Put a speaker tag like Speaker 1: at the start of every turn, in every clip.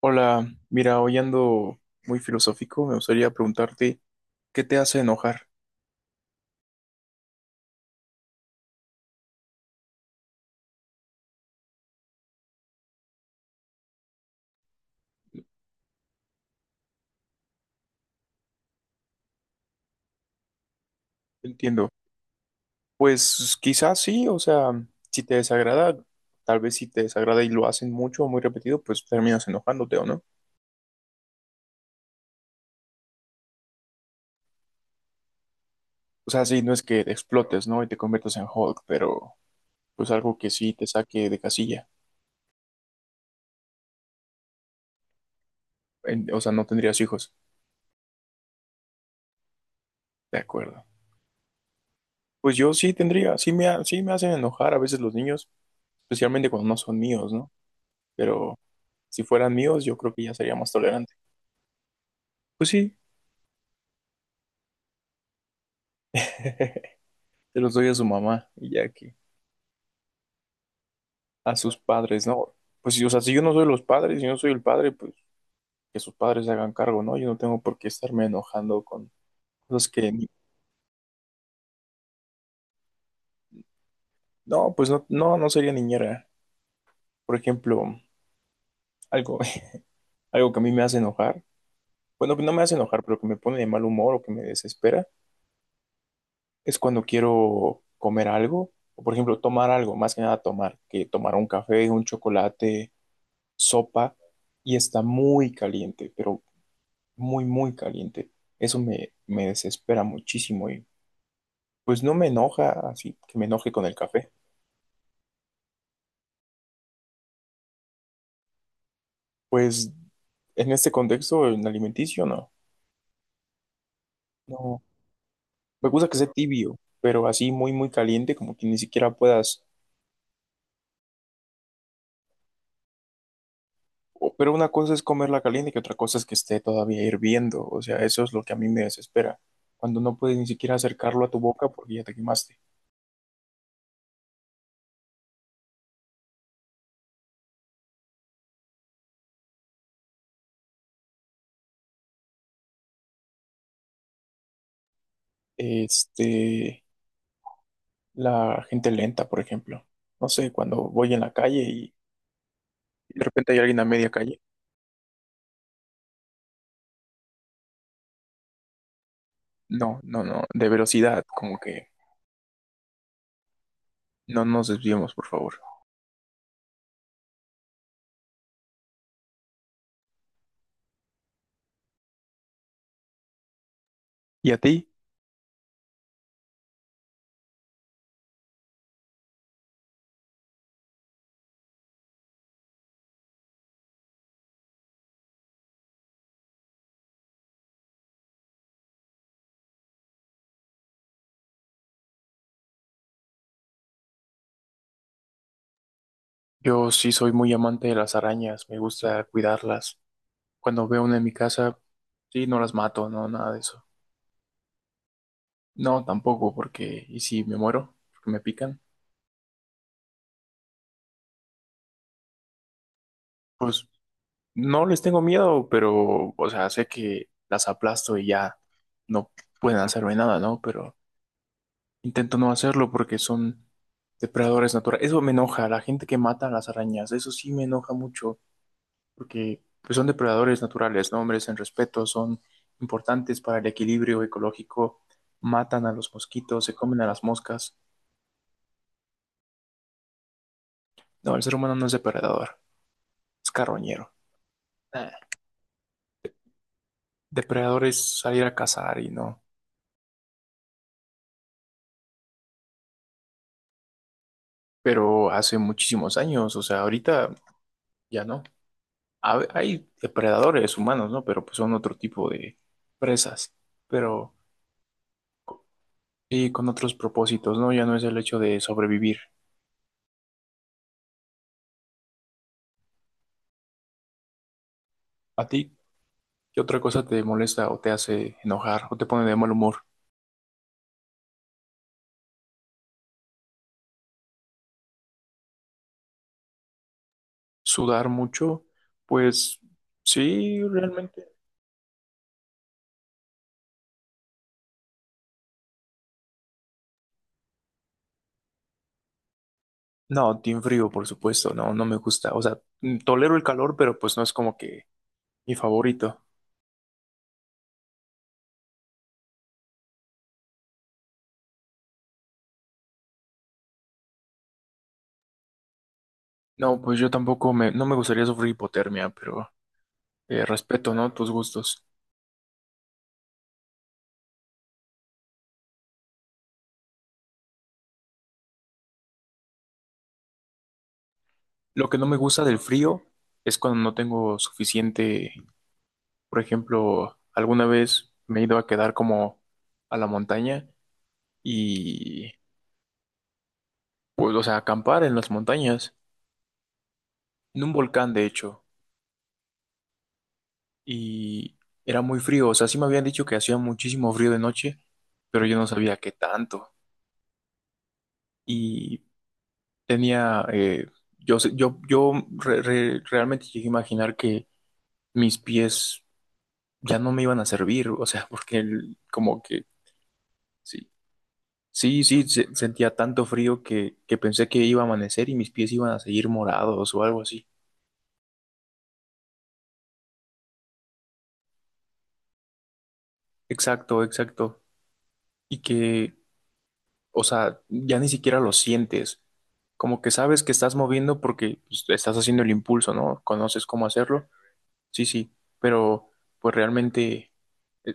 Speaker 1: Hola, mira, hoy ando muy filosófico, me gustaría preguntarte, ¿qué te hace enojar? Entiendo. Pues quizás sí, o sea, si te desagrada, tal vez si te desagrada y lo hacen mucho o muy repetido, pues terminas enojándote, ¿o no? O sea, sí, no es que explotes, ¿no? Y te conviertas en Hulk, pero pues algo que sí te saque de casilla. O sea, no tendrías hijos, de acuerdo. Pues yo sí tendría, sí me hacen enojar a veces los niños, especialmente cuando no son míos, ¿no? Pero si fueran míos, yo creo que ya sería más tolerante. Pues sí, se los doy a su mamá y ya que a sus padres, ¿no? Pues si, o sea, si yo no soy los padres, si yo no soy el padre, pues que sus padres se hagan cargo, ¿no? Yo no tengo por qué estarme enojando con cosas que no, pues no, no, no sería niñera. Por ejemplo, algo, algo que a mí me hace enojar, bueno, que no me hace enojar, pero que me pone de mal humor o que me desespera, es cuando quiero comer algo, o por ejemplo, tomar algo, más que nada tomar, que tomar un café, un chocolate, sopa, y está muy caliente, pero muy, muy caliente. Me desespera muchísimo y pues no me enoja así que me enoje con el café. Pues en este contexto, en alimenticio, no. No, me gusta que sea tibio, pero así muy, muy caliente, como que ni siquiera puedas. Pero una cosa es comerla caliente que otra cosa es que esté todavía hirviendo. O sea, eso es lo que a mí me desespera. Cuando no puedes ni siquiera acercarlo a tu boca porque ya te quemaste. Este, la gente lenta, por ejemplo. No sé, cuando voy en la calle y de repente hay alguien a media calle. No, no, no, de velocidad, como que no nos desviemos, por favor. ¿Y a ti? Yo sí soy muy amante de las arañas, me gusta cuidarlas. Cuando veo una en mi casa, sí, no las mato, no, nada de eso. No, tampoco, porque, ¿y si me muero? Porque me pican. Pues no les tengo miedo, pero, o sea, sé que las aplasto y ya no pueden hacerme nada, ¿no? Pero intento no hacerlo porque son depredadores naturales. Eso me enoja, la gente que mata a las arañas, eso sí me enoja mucho. Porque pues, son depredadores naturales, ¿no? Hombres en respeto, son importantes para el equilibrio ecológico, matan a los mosquitos, se comen a las moscas. No, el ser humano no es depredador, es carroñero. Ah, depredador es salir a cazar y no, pero hace muchísimos años, o sea, ahorita ya no. Hay depredadores humanos, ¿no? Pero pues son otro tipo de presas, pero co- sí con otros propósitos, ¿no? Ya no es el hecho de sobrevivir. ¿A ti qué otra cosa te molesta o te hace enojar o te pone de mal humor? ¿Sudar mucho? Pues sí, realmente. No, team frío, por supuesto, no, no me gusta. O sea, mm, tolero el calor, pero pues no es como que mi favorito. No, pues yo tampoco me, no me gustaría sufrir hipotermia, pero respeto, ¿no? Tus gustos. Lo que no me gusta del frío es cuando no tengo suficiente, por ejemplo, alguna vez me he ido a quedar como a la montaña y pues, o sea, acampar en las montañas, en un volcán de hecho, y era muy frío, o sea, sí me habían dicho que hacía muchísimo frío de noche, pero yo no sabía qué tanto, y tenía, yo, sé- yo re- re- realmente llegué a imaginar que mis pies ya no me iban a servir, o sea, porque como que, sí, sí, sentía tanto frío que pensé que iba a amanecer y mis pies iban a seguir morados o algo así. Exacto, exacto. Y que o sea, ya ni siquiera lo sientes. Como que sabes que estás moviendo porque pues, estás haciendo el impulso, ¿no? Conoces cómo hacerlo. Sí, sí, pero pues realmente eh,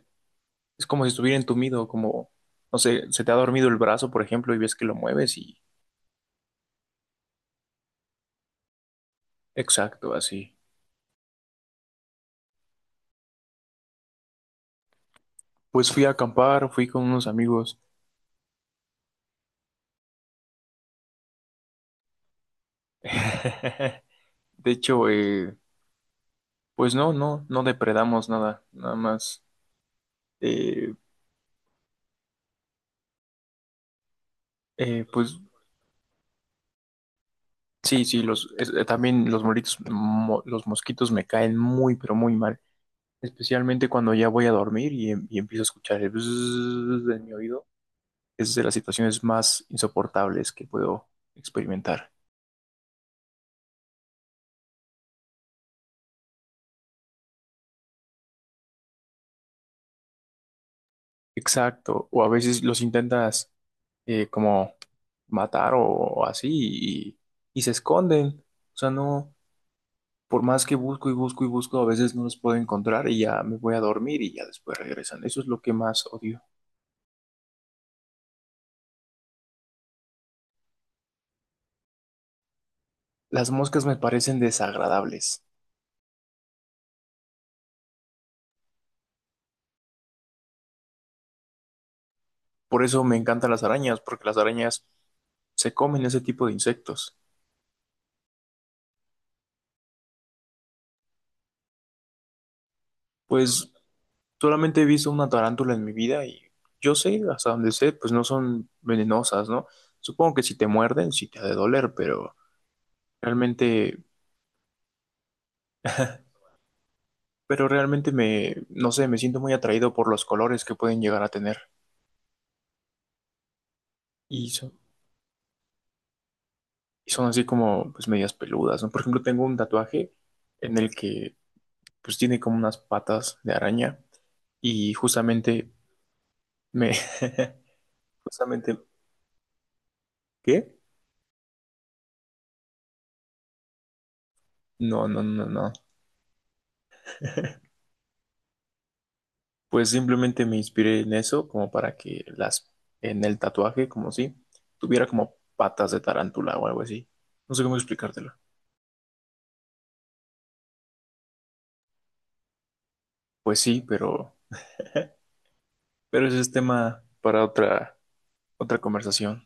Speaker 1: es como si estuviera entumido, como, no sé, se te ha dormido el brazo, por ejemplo, y ves que lo mueves y... Exacto, así. Pues fui a acampar, fui con unos amigos. De hecho, pues no, no, no depredamos nada, nada más. Eh, pues sí, sí, también los moritos, los mosquitos me caen muy, pero muy mal. Especialmente cuando ya voy a dormir y empiezo a escuchar el bzzz en mi oído. Es de las situaciones más insoportables que puedo experimentar. Exacto. O a veces los intentas como matar o así y se esconden. O sea, no, por más que busco y busco y busco, a veces no los puedo encontrar y ya me voy a dormir y ya después regresan. Eso es lo que más odio. Las moscas me parecen desagradables. Por eso me encantan las arañas, porque las arañas se comen ese tipo de insectos. Pues solamente he visto una tarántula en mi vida y yo sé, hasta donde sé, pues no son venenosas, ¿no? Supongo que si te muerden, sí te ha de doler, realmente, pero realmente me, no sé, me siento muy atraído por los colores que pueden llegar a tener. Y son, y son así como, pues medias peludas, ¿no? Por ejemplo, tengo un tatuaje en el que, pues tiene como unas patas de araña y justamente me, justamente, ¿qué? No, no, no, no. Pues simplemente me inspiré en eso como para que las, en el tatuaje, como si tuviera como patas de tarántula o algo así. No sé cómo explicártelo. Pues sí, pero ese es tema para otra, otra conversación.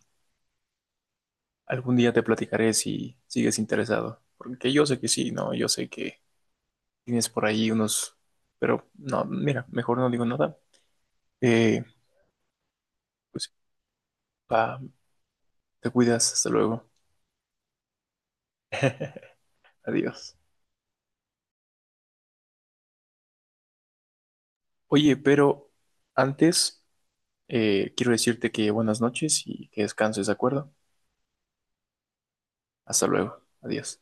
Speaker 1: Algún día te platicaré si sigues interesado, porque yo sé que sí, no, yo sé que tienes por ahí unos, pero no, mira, mejor no digo nada. Eh, pues, va, te cuidas, hasta luego, adiós. Oye, pero antes quiero decirte que buenas noches y que descanses, ¿de acuerdo? Hasta luego. Adiós.